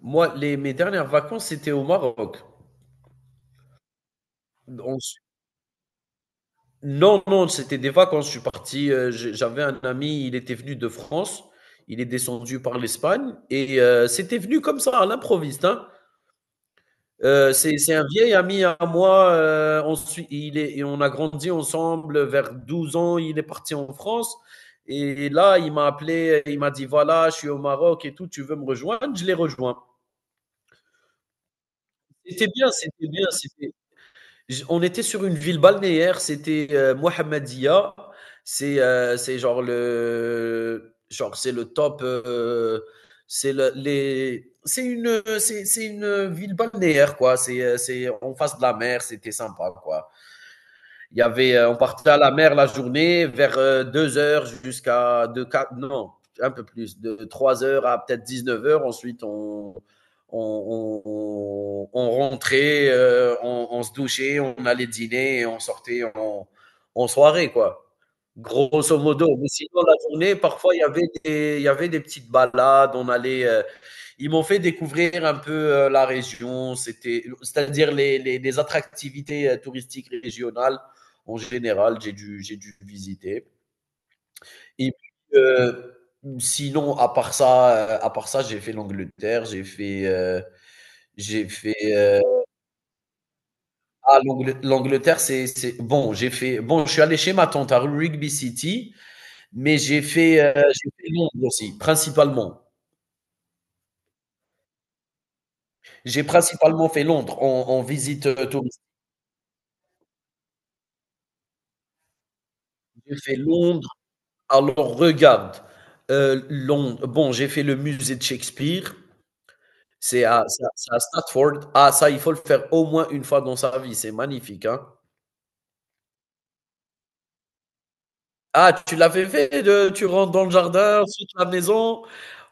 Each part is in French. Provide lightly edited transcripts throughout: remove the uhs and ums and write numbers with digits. Moi, mes dernières vacances, c'était au Maroc. On s- non, non, c'était des vacances. Je suis parti. J'avais un ami, il était venu de France. Il est descendu par l'Espagne. Et c'était venu comme ça, à l'improviste, hein. C'est un vieil ami à moi. Il est, et on a grandi ensemble vers 12 ans. Il est parti en France. Et là, il m'a appelé. Il m'a dit, voilà, je suis au Maroc et tout. Tu veux me rejoindre? Je l'ai rejoint. C'était bien, c'était bien. On était sur une ville balnéaire, c'était Mohammedia. C'est genre, c'est le top. C'est une ville balnéaire, quoi. C'est en face de la mer, c'était sympa, quoi. On partait à la mer la journée vers 2 heures jusqu'à 2 4 non, un peu plus, de 3 heures à peut-être 19 heures. Ensuite, on rentrait, se douchait, on allait dîner et on sortait en soirée, quoi. Grosso modo. Mais sinon, la journée, parfois, il y avait des petites balades. On allait. Ils m'ont fait découvrir un peu la région, c'est-à-dire les attractivités touristiques régionales. En général, j'ai dû visiter. Et puis, sinon, à part ça, j'ai fait l'Angleterre, j'ai fait, j'ai fait. Ah, l'Angle- L'Angleterre, c'est bon. J'ai fait. Bon, je suis allé chez ma tante à Rugby City, mais j'ai fait Londres aussi, principalement. J'ai principalement fait Londres en visite touristique. J'ai fait Londres. Alors regarde, Londres. Bon, j'ai fait le musée de Shakespeare. C'est à Stratford. Ah, ça, il faut le faire au moins une fois dans sa vie. C'est magnifique, hein. Ah, tu l'avais fait, tu rentres dans le jardin, ensuite la maison,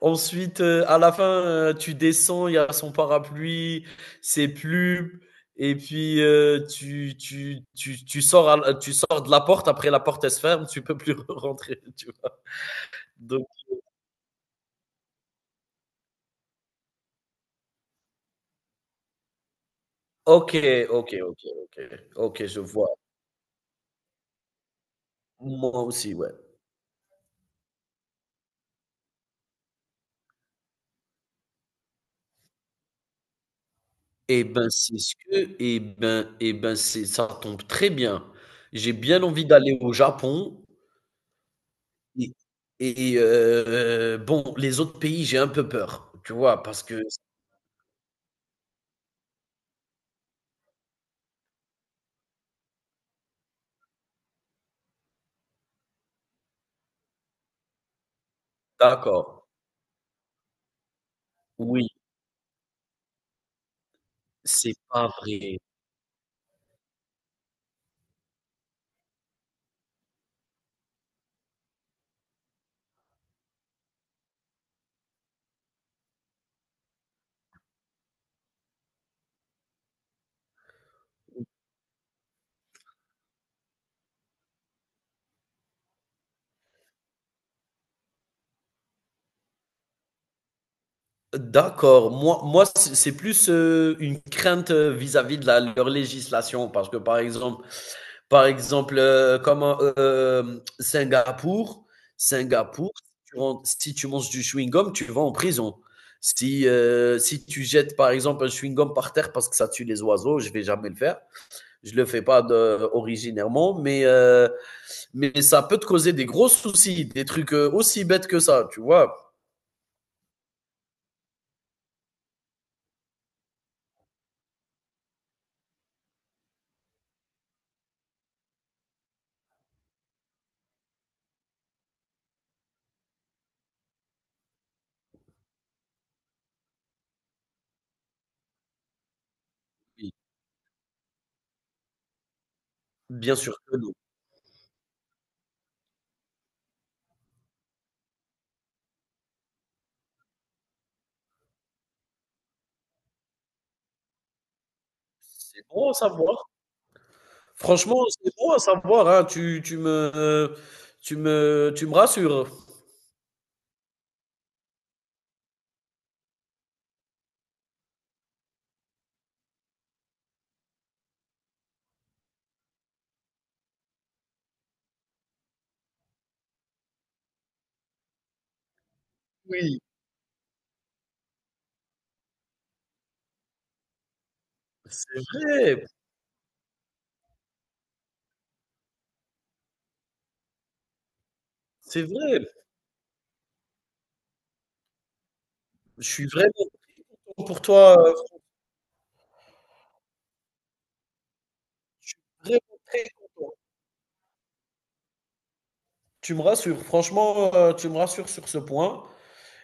ensuite, à la fin, tu descends, il y a son parapluie, ses plumes et puis, tu sors de la porte, après la porte, elle se ferme, tu peux plus rentrer, tu vois? Donc OK, OK, OK, OK, je vois. Moi aussi, ouais. Et ben, c'est ce que et ben, c'est ça tombe très bien. J'ai bien envie d'aller au Japon et et bon, les autres pays, j'ai un peu peur, tu vois? Parce que d'accord, oui, c'est pas vrai. D'accord, moi, c'est plus, une crainte, vis-à-vis de la leur législation parce que, par exemple, Par exemple, comme Singapour. Singapour, si tu manges du chewing-gum, tu vas en prison. Si tu jettes, par exemple, un chewing-gum par terre parce que ça tue les oiseaux, je vais jamais le faire. Je le fais pas originairement, mais ça peut te causer des gros soucis, des trucs aussi bêtes que ça, tu vois. Oui, bien sûr que non. C'est bon à savoir. Franchement, c'est bon à savoir, hein. Tu me rassures. Oui, c'est vrai. C'est vrai, je suis vraiment content pour toi, je suis vraiment très content. Tu me rassures, franchement, tu me rassures sur ce point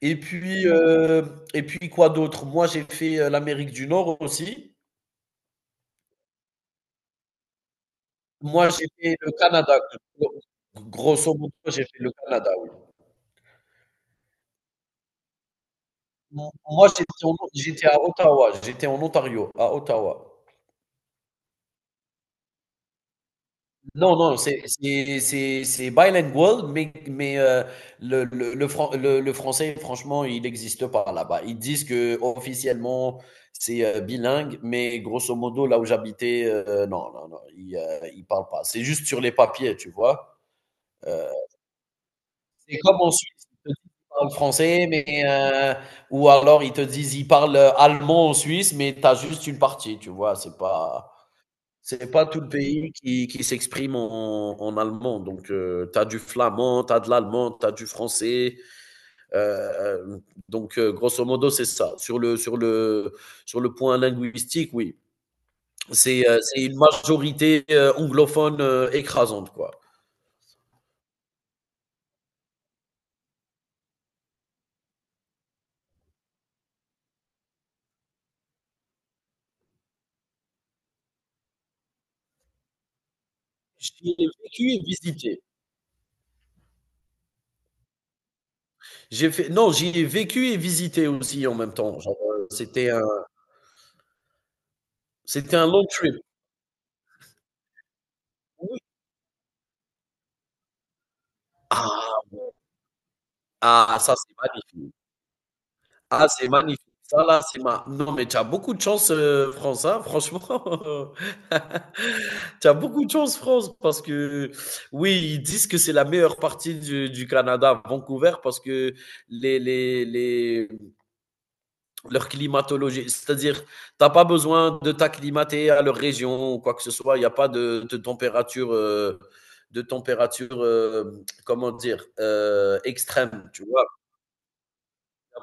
et puis, heu et puis quoi d'autre? Moi, j'ai fait, l'Amérique du Nord aussi. Moi, j'ai fait le Canada, grosso modo, j'ai fait le Canada, oui. Moi, j'étais à Ottawa, j'étais en Ontario, à Ottawa. Non, non, c'est bilingual, mais, mais euh, le français, franchement, il n'existe pas là-bas. Ils disent que officiellement c'est bilingue, mais grosso modo, là où j'habitais, euh, non, ils ne parlent pas. C'est juste sur les papiers, tu vois. Euh, c'est comme en Suisse, ils te disent qu'ils parlent français, mais, ou alors ils te disent ils parlent allemand en Suisse, mais tu as juste une partie, tu vois. C'est pas. C'est pas tout le pays qui s'exprime en allemand. Donc, tu as du flamand, tu as de l'allemand, tu as du français. Euh, euh, Grosso modo, c'est ça. Sur le point linguistique, oui. C'est une majorité anglophone écrasante, quoi. J'y ai vécu et visité. J'ai fait... Non, j'y ai vécu et visité aussi en même temps. Genre, c'était un... c'était un long trip. Oui. Ah, ah, ça, c'est magnifique. Ah, c'est magnifique. Ça, là, c'est ma Non, mais tu as beaucoup de chance, France, hein, franchement. Tu as beaucoup de chance, France, parce que oui, ils disent que c'est la meilleure partie du Canada, Vancouver, parce que les leur climatologie, c'est-à-dire, tu as pas besoin de t'acclimater à leur région ou quoi que ce soit. Il y a pas de température, heu, comment dire? Extrême, tu vois?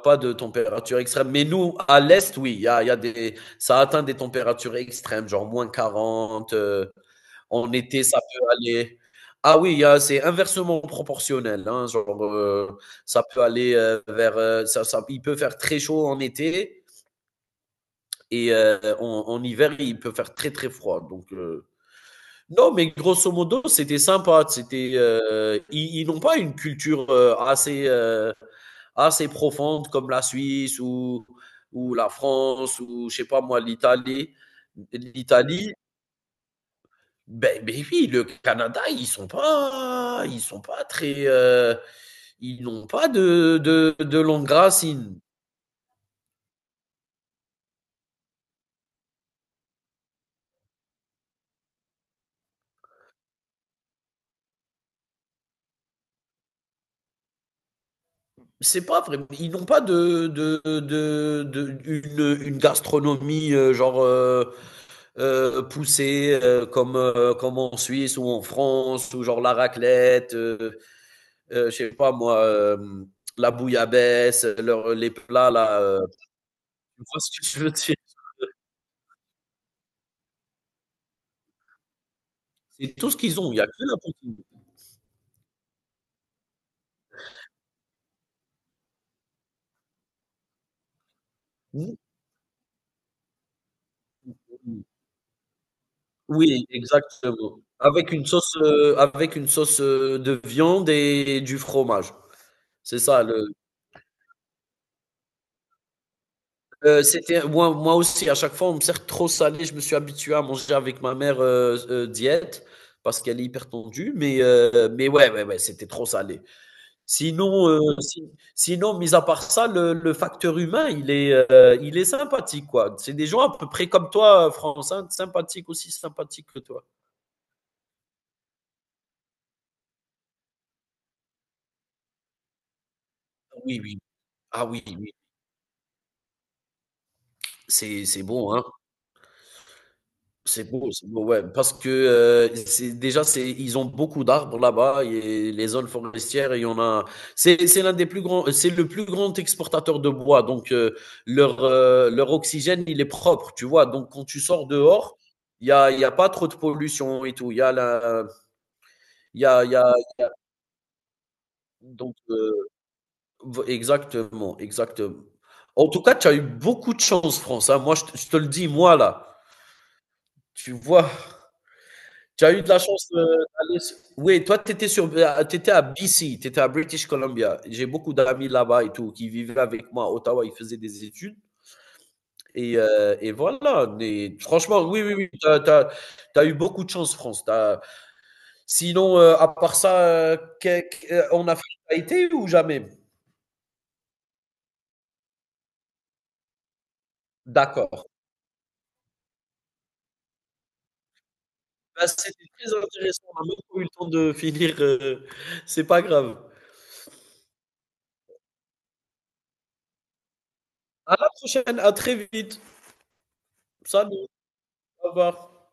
Pas de température extrême. Mais nous, à l'Est, oui, il y a des, ça atteint des températures extrêmes, genre moins 40 en été, ça peut aller. Ah oui, c'est inversement proportionnel, hein, ça peut aller vers. Ça, ça- il peut faire très chaud en été et en hiver, il peut faire très, très froid. Donc, non, mais grosso modo, c'était sympa. Ils n'ont pas une culture assez profonde comme la Suisse ou la France ou, je sais pas moi, l'Italie. L'Italie, ben oui, le Canada, ils sont pas très, ils n'ont pas de longues racines. C'est pas vrai. Ils n'ont pas une gastronomie euh, poussé comme en Suisse ou en France, ou genre la raclette, je sais pas moi, la bouillabaisse, leur- les plats là. Tu vois ce que je veux dire? C'est tout ce qu'ils ont, il n'y a que la poutine. Mhm. Oui, exactement. Avec une sauce, de viande et du fromage. C'est ça le. C'était Moi, moi aussi, à chaque fois, on me sert trop salé. Je me suis habitué à manger avec ma mère diète parce qu'elle est hyper tendue, mais, mais ouais, ouais, ouais, c'était trop salé. Sinon, si- Sinon, mis à part ça, le facteur humain, il est sympathique, quoi. C'est des gens à peu près comme toi, France, hein, sympathique, aussi sympathique que toi. Oui, oui. Ah oui, oui. C'est bon, hein. C'est beau, ouais. Parce que ils ont beaucoup d'arbres là-bas et les zones forestières, il y en a. C'est le plus grand exportateur de bois. Donc leur leur oxygène, il est propre, tu vois. Donc quand tu sors dehors, il y a pas trop de pollution et tout. Il y a la, il y a donc v- Exactement, exactement. En tout cas, tu as eu beaucoup de chance, France, hein. Moi, je te le dis, moi là, tu vois. Tu as eu de la chance Oui, toi, tu étais, t'étais à BC, tu étais à British Columbia. J'ai beaucoup d'amis là-bas et tout qui vivaient avec moi à Ottawa, ils faisaient des études. Et voilà. Mais franchement, oui, oui, oui, tu as eu beaucoup de chance, France. Sinon, à part ça, en Afrique, tu as été ou jamais? D'accord. Ben, c'était très intéressant. On n'a même pas eu le temps de finir. C'est pas grave. À la prochaine, à très vite. Salut, au revoir.